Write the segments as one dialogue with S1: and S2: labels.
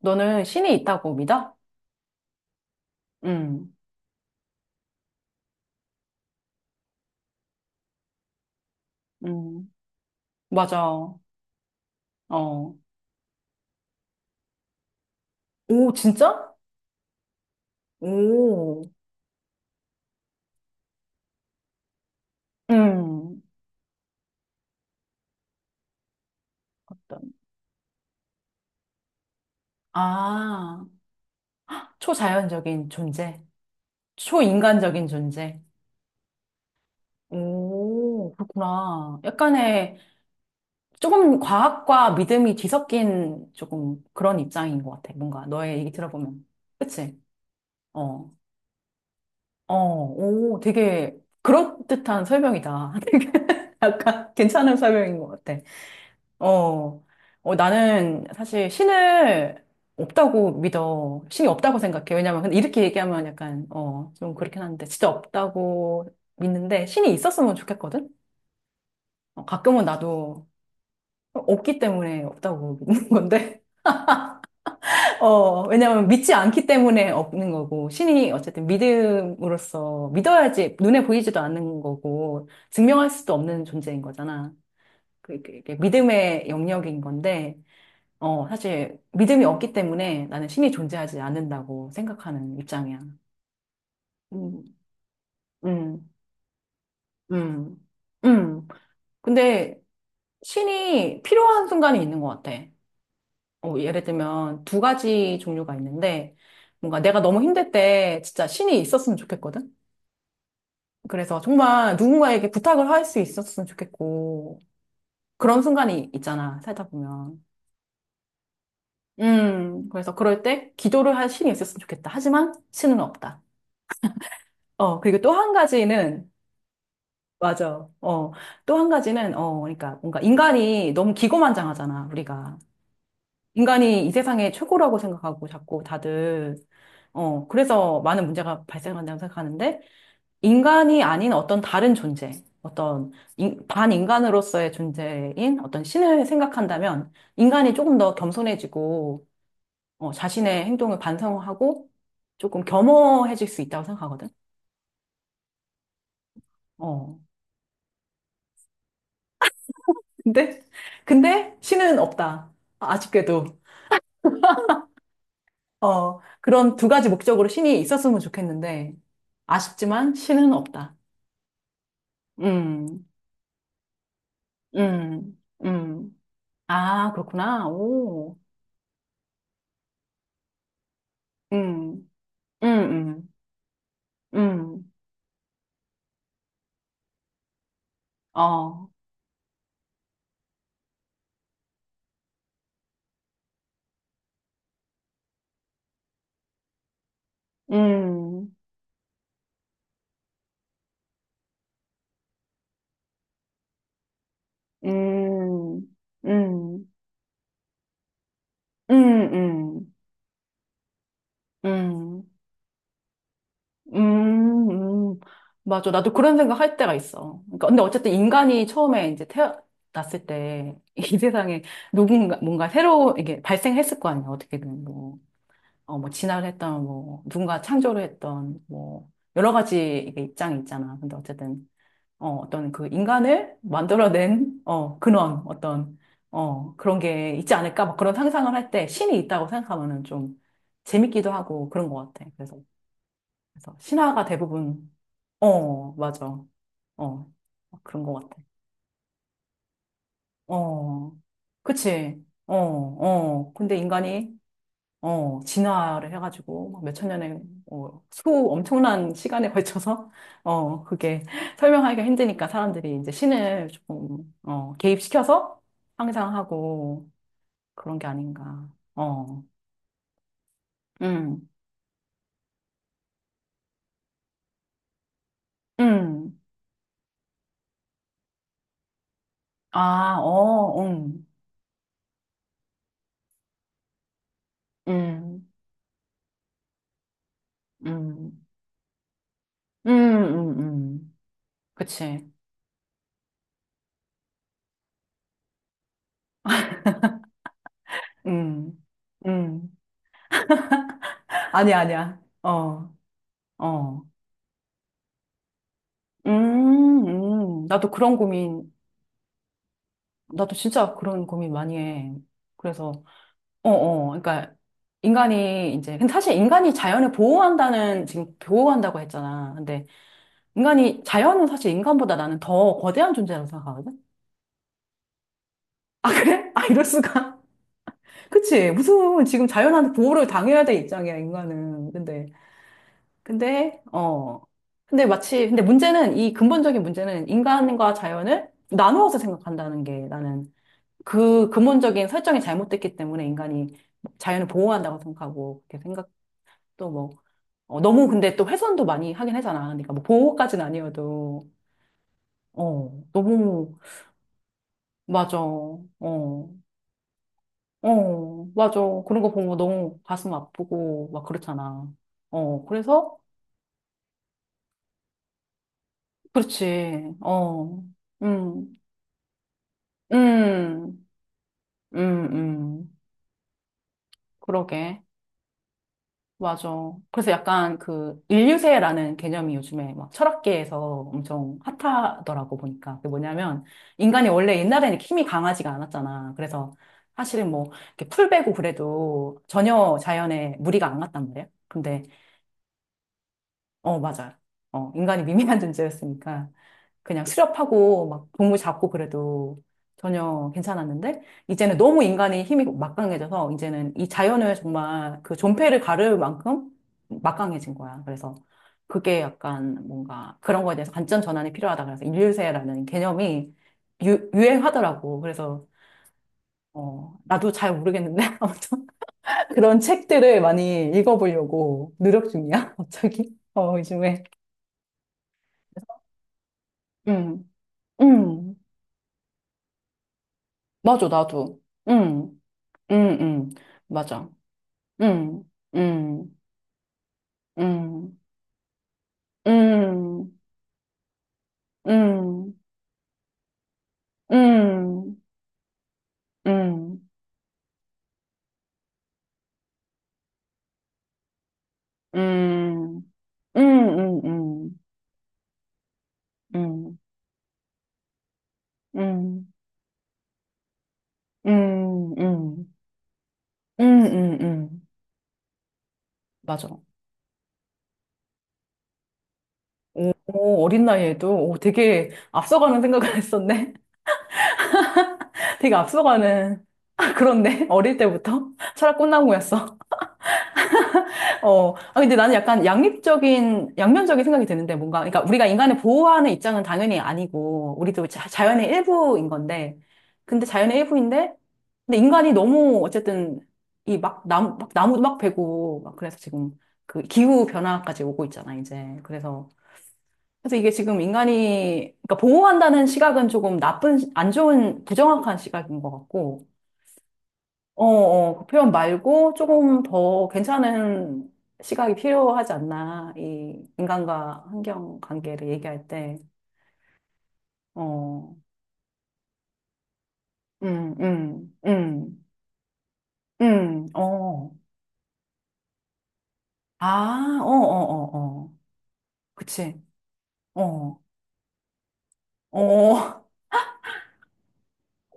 S1: 너는 신이 있다고 믿어? 응, 응, 맞아. 어. 오, 진짜? 오, 음. 어떤, 아, 초자연적인 존재. 초인간적인 존재. 오, 그렇구나. 약간의 조금 과학과 믿음이 뒤섞인 조금 그런 입장인 것 같아. 뭔가 너의 얘기 들어보면. 그치? 어, 오, 되게 그럴듯한 설명이다. 되게 약간 괜찮은 설명인 것 같아. 어, 나는 사실 신을 없다고 믿어. 신이 없다고 생각해. 왜냐면, 근데 이렇게 얘기하면 약간, 좀 그렇긴 한데, 진짜 없다고 믿는데, 신이 있었으면 좋겠거든? 가끔은 나도 없기 때문에 없다고 믿는 건데, 왜냐면 믿지 않기 때문에 없는 거고, 신이 어쨌든 믿음으로써 믿어야지 눈에 보이지도 않는 거고, 증명할 수도 없는 존재인 거잖아. 그게 믿음의 영역인 건데, 사실 믿음이 없기 때문에 나는 신이 존재하지 않는다고 생각하는 입장이야. 음, 음, 음, 음. 근데 신이 필요한 순간이 있는 것 같아. 예를 들면 두 가지 종류가 있는데 뭔가 내가 너무 힘들 때 진짜 신이 있었으면 좋겠거든? 그래서 정말 누군가에게 부탁을 할 수 있었으면 좋겠고 그런 순간이 있잖아, 살다 보면. 그래서 그럴 때 기도를 할 신이 있었으면 좋겠다. 하지만 신은 없다. 그리고 또 한 가지는 맞아. 어. 또 한 가지는, 그러니까 뭔가 인간이 너무 기고만장하잖아, 우리가. 인간이 이 세상의 최고라고 생각하고 자꾸 다들, 그래서 많은 문제가 발생한다고 생각하는데, 인간이 아닌 어떤 다른 존재, 어떤 반인간으로서의 존재인 어떤 신을 생각한다면, 인간이 조금 더 겸손해지고, 자신의 행동을 반성하고, 조금 겸허해질 수 있다고 생각하거든. 어. 근데, 근데 신은 없다. 아쉽게도. 그런 두 가지 목적으로 신이 있었으면 좋겠는데, 아쉽지만 신은 없다. 음, 음, 음. 아, 그렇구나. 오, 음, 음, 음, 음, 어, 음, 음, 음, 음, 음, 음, 음, 음. 맞아. 나도 그런 생각 할 때가 있어. 그러니까 근데 어쨌든 인간이 처음에 이제 태어났을 때, 이 세상에 누군가, 뭔가 새로, 이게 발생했을 거 아니야, 어떻게든. 뭐. 뭐, 진화를 했던, 뭐, 누군가 창조를 했던, 뭐, 여러 가지 이게 입장이 있잖아. 근데 어쨌든, 어떤 그 인간을 만들어낸, 근원, 어떤, 그런 게 있지 않을까? 막 그런 상상을 할 때 신이 있다고 생각하면은 좀 재밌기도 하고 그런 것 같아. 그래서, 신화가 대부분, 맞아. 어, 그런 것 같아. 어, 그치. 어, 어. 근데 인간이 진화를 해가지고, 막 몇천 년의, 수 엄청난 시간에 걸쳐서, 그게 설명하기가 힘드니까 사람들이 이제 신을 조금, 개입시켜서 상상하고 그런 게 아닌가. 어, 음, 음, 아, 어, 음, 음, 음, 음, 음. 그치. 음, 음. 아니야, 아니야. 어, 어. 음, 음. 나도 그런 고민 나도 진짜 그런 고민 많이 해. 그래서, 어, 어. 그러니까, 인간이 이제, 근데 사실 인간이 자연을 보호한다는, 지금 보호한다고 했잖아. 근데, 인간이, 자연은 사실 인간보다 나는 더 거대한 존재라고 생각하거든? 그래? 아, 이럴 수가. 그치? 무슨, 지금 자연한테 보호를 당해야 될 입장이야, 인간은. 근데, 어. 근데 문제는, 이 근본적인 문제는 인간과 자연을 나누어서 생각한다는 게 나는 그 근본적인 설정이 잘못됐기 때문에 인간이 자연을 보호한다고 생각하고 그렇게 생각도 뭐 너무 근데 또 훼손도 많이 하긴 하잖아. 그러니까 뭐 보호까지는 아니어도 너무 맞아. 어. 맞아. 그런 거 보면 너무 가슴 아프고 막 그렇잖아. 그래서 그렇지. 어. 음. 음. 음. 음. 그러게. 맞아. 그래서 약간 그 인류세라는 개념이 요즘에 막 철학계에서 엄청 핫하더라고 보니까. 그게 뭐냐면 인간이 원래 옛날에는 이렇게 힘이 강하지가 않았잖아. 그래서 사실은 뭐 이렇게 풀 베고 그래도 전혀 자연에 무리가 안 갔단 말이야. 근데 맞아. 인간이 미미한 존재였으니까. 그냥 수렵하고 막 동물 잡고 그래도 전혀 괜찮았는데 이제는 너무 인간이 힘이 막강해져서 이제는 이 자연을 정말 그 존폐를 가를 만큼 막강해진 거야. 그래서 그게 약간 뭔가 그런 거에 대해서 관점 전환이 필요하다. 그래서 인류세라는 개념이 유행하더라고. 그래서 나도 잘 모르겠는데 아무튼 그런 책들을 많이 읽어보려고 노력 중이야. 갑자기 요즘에. 음, 음, 맞아, 나도. 음. 응, 응, 맞아. 응, 응, 응, 응, 응, 응, 응, 응, 응, 응, 응, 응, 응, 응, 응, 응, 응. 응. 맞아. 오, 어린 나이에도 오, 되게 앞서가는 생각을 했었네. 되게 앞서가는, 아, 그렇네. 어릴 때부터 철학 꿈나무였어. 근데 나는 약간 양립적인, 양면적인 생각이 드는데, 뭔가, 그러니까 우리가 인간을 보호하는 입장은 당연히 아니고, 우리도 자연의 일부인 건데, 근데 자연의 일부인데, 근데 인간이 너무 어쨌든, 이 막, 나무, 막, 나무 막 베고, 막 그래서 지금 그 기후 변화까지 오고 있잖아, 이제. 그래서, 이게 지금 인간이, 그러니까 보호한다는 시각은 조금 나쁜, 안 좋은, 부정확한 시각인 것 같고, 그 표현 말고 조금 더 괜찮은 시각이 필요하지 않나. 이 인간과 환경 관계를 얘기할 때. 어, 음, 음, 음, 어. 아, 어, 어, 어, 어. 그치. 어, 어,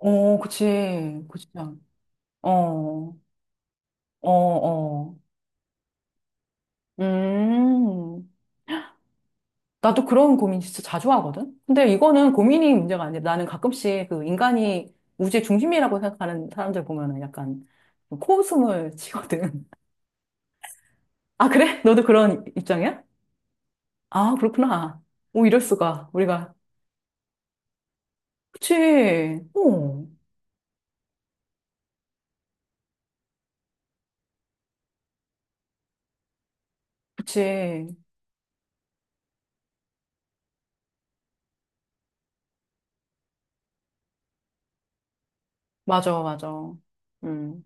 S1: 어, 그치. 그치. 어, 어, 어. 음. 나도 그런 고민 진짜 자주 하거든? 근데 이거는 고민이 문제가 아니라 나는 가끔씩 그 인간이 우주의 중심이라고 생각하는 사람들 보면은 약간 코웃음을 치거든. 아, 그래? 너도 그런 입장이야? 아, 그렇구나. 오, 이럴 수가. 우리가. 그치. 오, 그치. 맞아, 맞아. 음.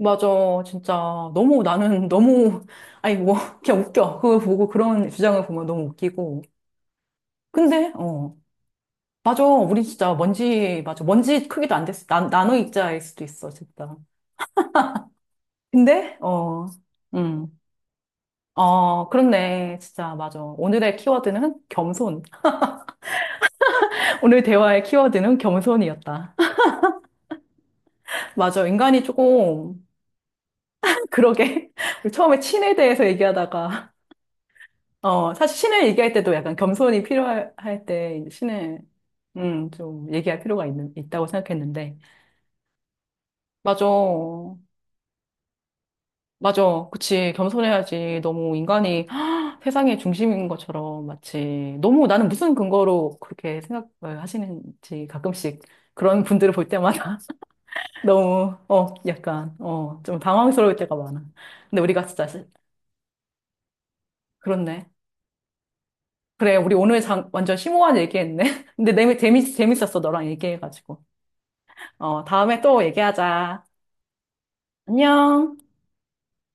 S1: 맞아. 진짜. 너무 나는 너무, 아니, 뭐, 그냥 웃겨. 그거 보고 그런 주장을 보면 너무 웃기고. 근데, 어. 맞아. 우린 진짜 먼지, 맞아. 먼지 크기도 안 됐어. 나노 입자일 수도 있어, 진짜. 근데, 음, 그렇네. 진짜, 맞아. 오늘의 키워드는 겸손. 오늘 대화의 키워드는 겸손이었다. 맞아. 인간이 조금, 그러게. 우리 처음에 신에 대해서 얘기하다가, 사실 신을 얘기할 때도 약간 겸손이 필요할 할 때, 이제 신을, 좀 얘기할 필요가 있다고 생각했는데. 맞아. 맞아. 그치. 겸손해야지. 너무 인간이 세상의 중심인 것처럼 마치 너무 나는 무슨 근거로 그렇게 생각을 하시는지 가끔씩 그런 분들을 볼 때마다 너무, 약간, 좀 당황스러울 때가 많아. 근데 우리가 진짜. 그렇네. 그래. 우리 오늘 완전 심오한 얘기했네. 근데 재밌었어. 너랑 얘기해가지고. 다음에 또 얘기하자. 안녕.